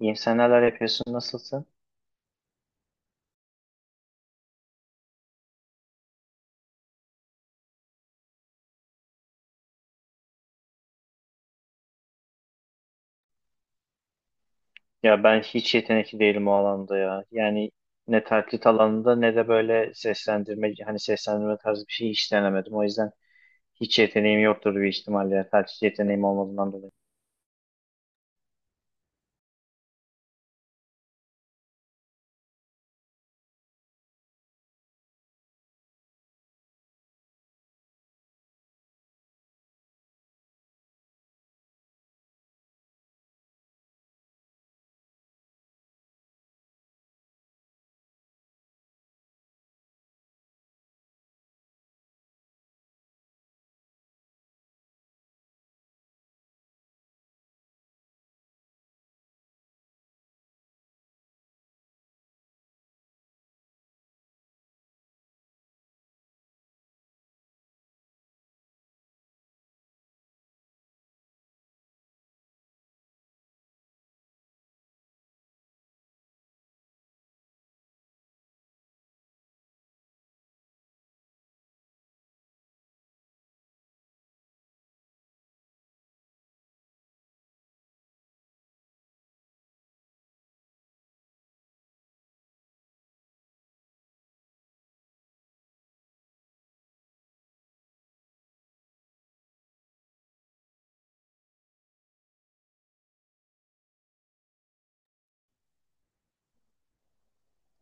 İyiyim, sen neler yapıyorsun, nasılsın? Ya ben hiç yetenekli değilim o alanda ya. Yani ne taklit alanında ne de böyle seslendirme, hani seslendirme tarzı bir şey hiç denemedim. O yüzden hiç yeteneğim yoktur bir ihtimalle. Ya, taklit yeteneğim olmadığından dolayı.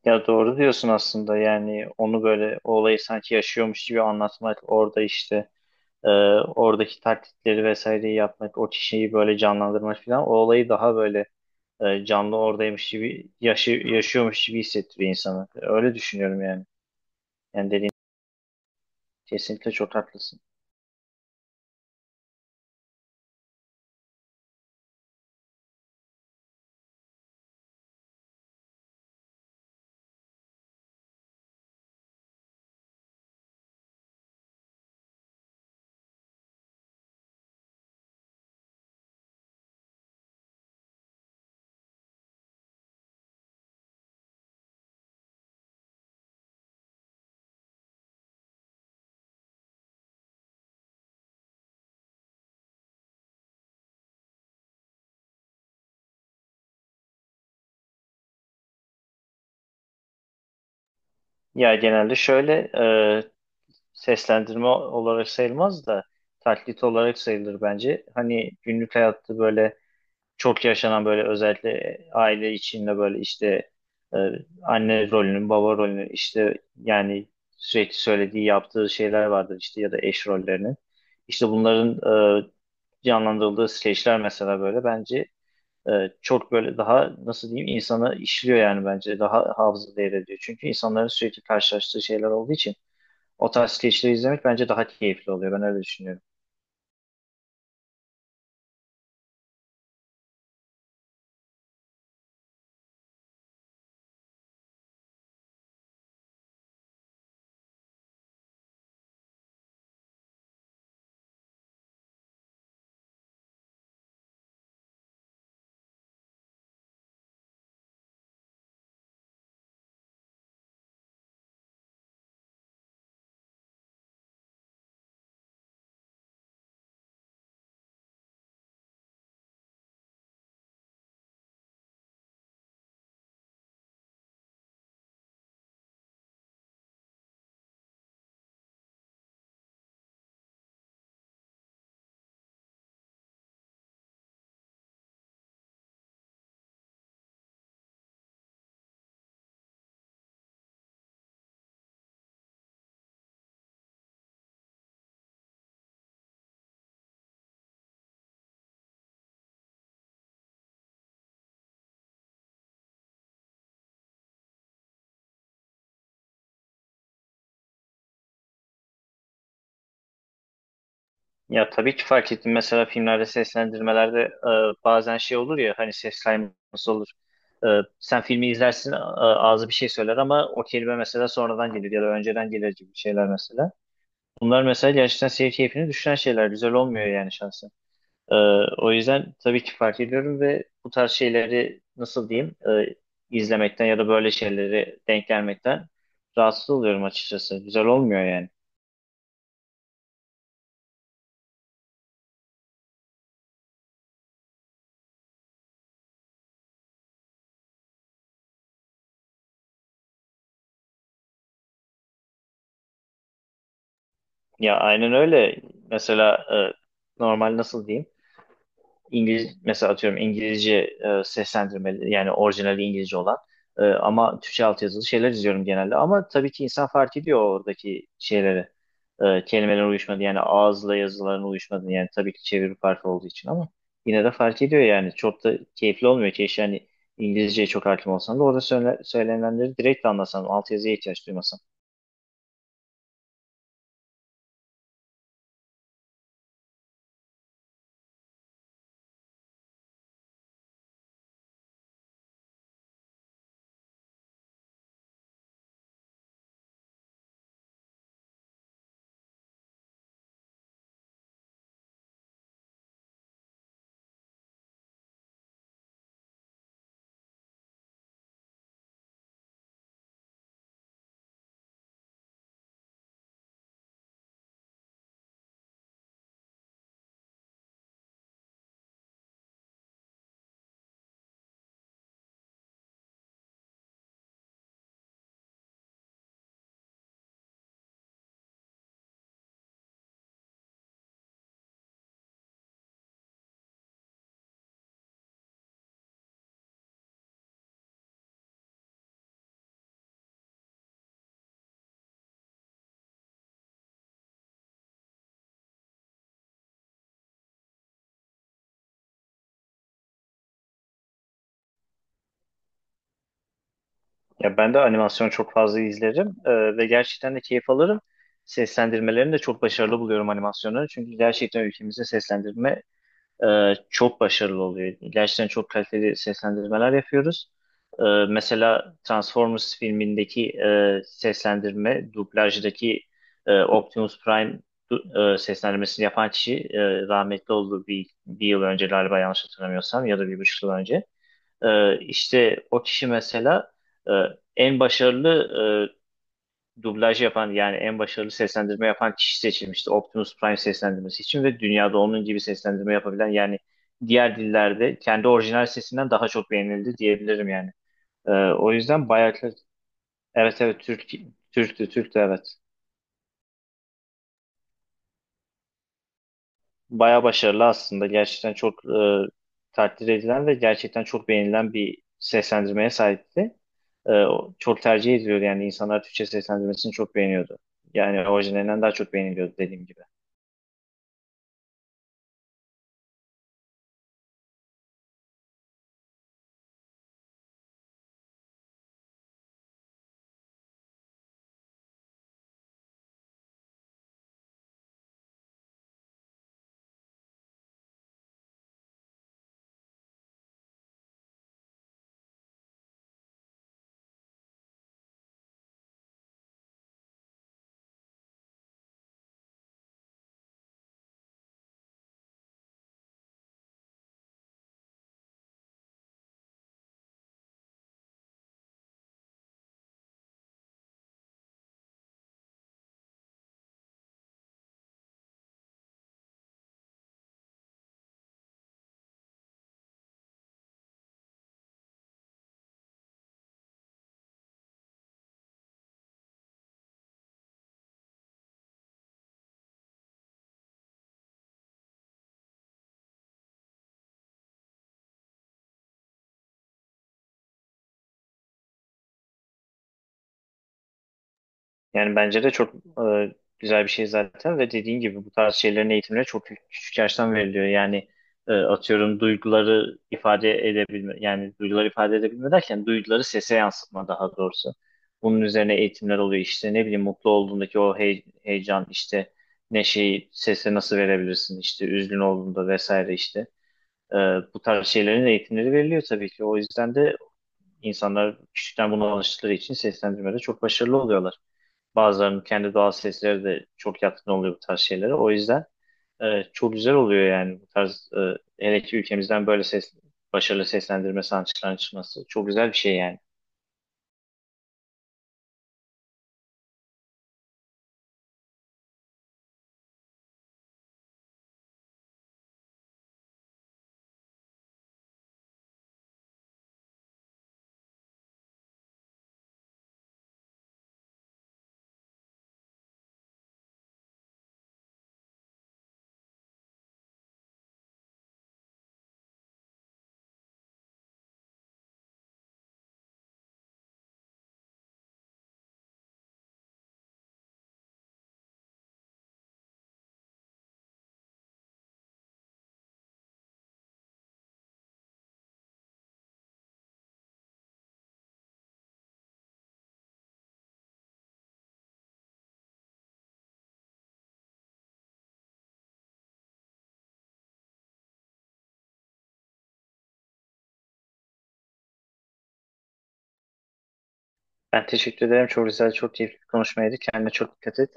Ya doğru diyorsun aslında, yani onu böyle o olayı sanki yaşıyormuş gibi anlatmak, orada işte e, oradaki taklitleri vesaireyi yapmak, o kişiyi böyle canlandırmak falan o olayı daha böyle canlı oradaymış gibi, yaşıyormuş gibi hissettiriyor insanı. Öyle düşünüyorum yani. Yani dediğin, kesinlikle çok haklısın. Ya genelde şöyle seslendirme olarak sayılmaz da taklit olarak sayılır bence. Hani günlük hayatta böyle çok yaşanan, böyle özellikle aile içinde böyle işte, e, anne rolünün, baba rolünün, işte yani sürekli söylediği, yaptığı şeyler vardır, işte ya da eş rollerinin. İşte bunların e, canlandırıldığı skeçler mesela böyle bence e, çok böyle, daha nasıl diyeyim, insana işliyor yani, bence daha hafıza değer ediyor. Çünkü insanların sürekli karşılaştığı şeyler olduğu için o tarz skeçleri izlemek bence daha keyifli oluyor. Ben öyle düşünüyorum. Ya tabii ki fark ettim. Mesela filmlerde, seslendirmelerde bazen şey olur ya, hani ses kayması olur. E, Sen filmi izlersin, ağzı bir şey söyler ama o kelime mesela sonradan gelir ya da önceden gelir gibi şeyler mesela. Bunlar mesela gerçekten seyir keyfini düşüren şeyler. Güzel olmuyor yani şahsen. Ee, O yüzden tabii ki fark ediyorum ve bu tarz şeyleri, nasıl diyeyim, izlemekten ya da böyle şeyleri denk gelmekten rahatsız oluyorum açıkçası. Güzel olmuyor yani. Ya aynen öyle. Mesela normal, nasıl diyeyim? İngiliz, mesela atıyorum, İngilizce seslendirmeli, yani orijinali İngilizce olan ama Türkçe altyazılı şeyler izliyorum genelde, ama tabii ki insan fark ediyor oradaki şeyleri. Kelimelerin uyuşmadı yani, ağızla yazıların uyuşmadı, yani tabii ki çeviri farkı olduğu için, ama yine de fark ediyor yani, çok da keyifli olmuyor ki yani, İngilizceye çok hakim olsan da orada söylenenleri direkt anlasan, altyazıya ihtiyaç duymasan. Ya ben de animasyon çok fazla izlerim ve gerçekten de keyif alırım. Seslendirmelerini de çok başarılı buluyorum animasyonları. Çünkü gerçekten ülkemizde seslendirme çok başarılı oluyor. Gerçekten çok kaliteli seslendirmeler yapıyoruz. E, Mesela Transformers filmindeki seslendirme, dublajdaki Optimus Prime seslendirmesini yapan kişi rahmetli oldu bir yıl önce galiba, yanlış hatırlamıyorsam, ya da bir buçuk yıl önce. İşte o kişi mesela e, en başarılı dublaj yapan, yani en başarılı seslendirme yapan kişi seçilmişti Optimus Prime seslendirmesi için, ve dünyada onun gibi seslendirme yapabilen, yani diğer dillerde kendi orijinal sesinden daha çok beğenildi diyebilirim yani. O yüzden bayağı evet, evet, Türk, Türktü, evet. Baya başarılı aslında. Gerçekten çok takdir edilen ve gerçekten çok beğenilen bir seslendirmeye sahipti. O çok tercih ediliyordu, yani insanlar Türkçe seslendirmesini çok beğeniyordu. Yani orijinalinden daha çok beğeniliyordu, dediğim gibi. Yani bence de çok güzel bir şey zaten, ve dediğin gibi bu tarz şeylerin eğitimine çok küçük yaştan veriliyor. Yani atıyorum duyguları ifade edebilme, yani duyguları ifade edebilme derken duyguları sese yansıtma daha doğrusu. Bunun üzerine eğitimler oluyor, işte ne bileyim, mutlu olduğundaki o heyecan, işte neşeyi sese nasıl verebilirsin, işte üzgün olduğunda vesaire işte. E, Bu tarz şeylerin eğitimleri veriliyor tabii ki. O yüzden de insanlar küçükten buna alıştıkları için seslendirmede çok başarılı oluyorlar. Bazılarının kendi doğal sesleri de çok yatkın oluyor bu tarz şeylere. O yüzden çok güzel oluyor yani, bu tarz hele ki ülkemizden böyle başarılı seslendirme sanatçılarının çıkması çok güzel bir şey yani. Ben teşekkür ederim. Çok güzel, çok keyifli bir konuşmaydı. Kendine çok dikkat et.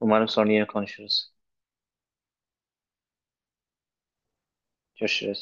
Umarım sonra yine konuşuruz. Görüşürüz.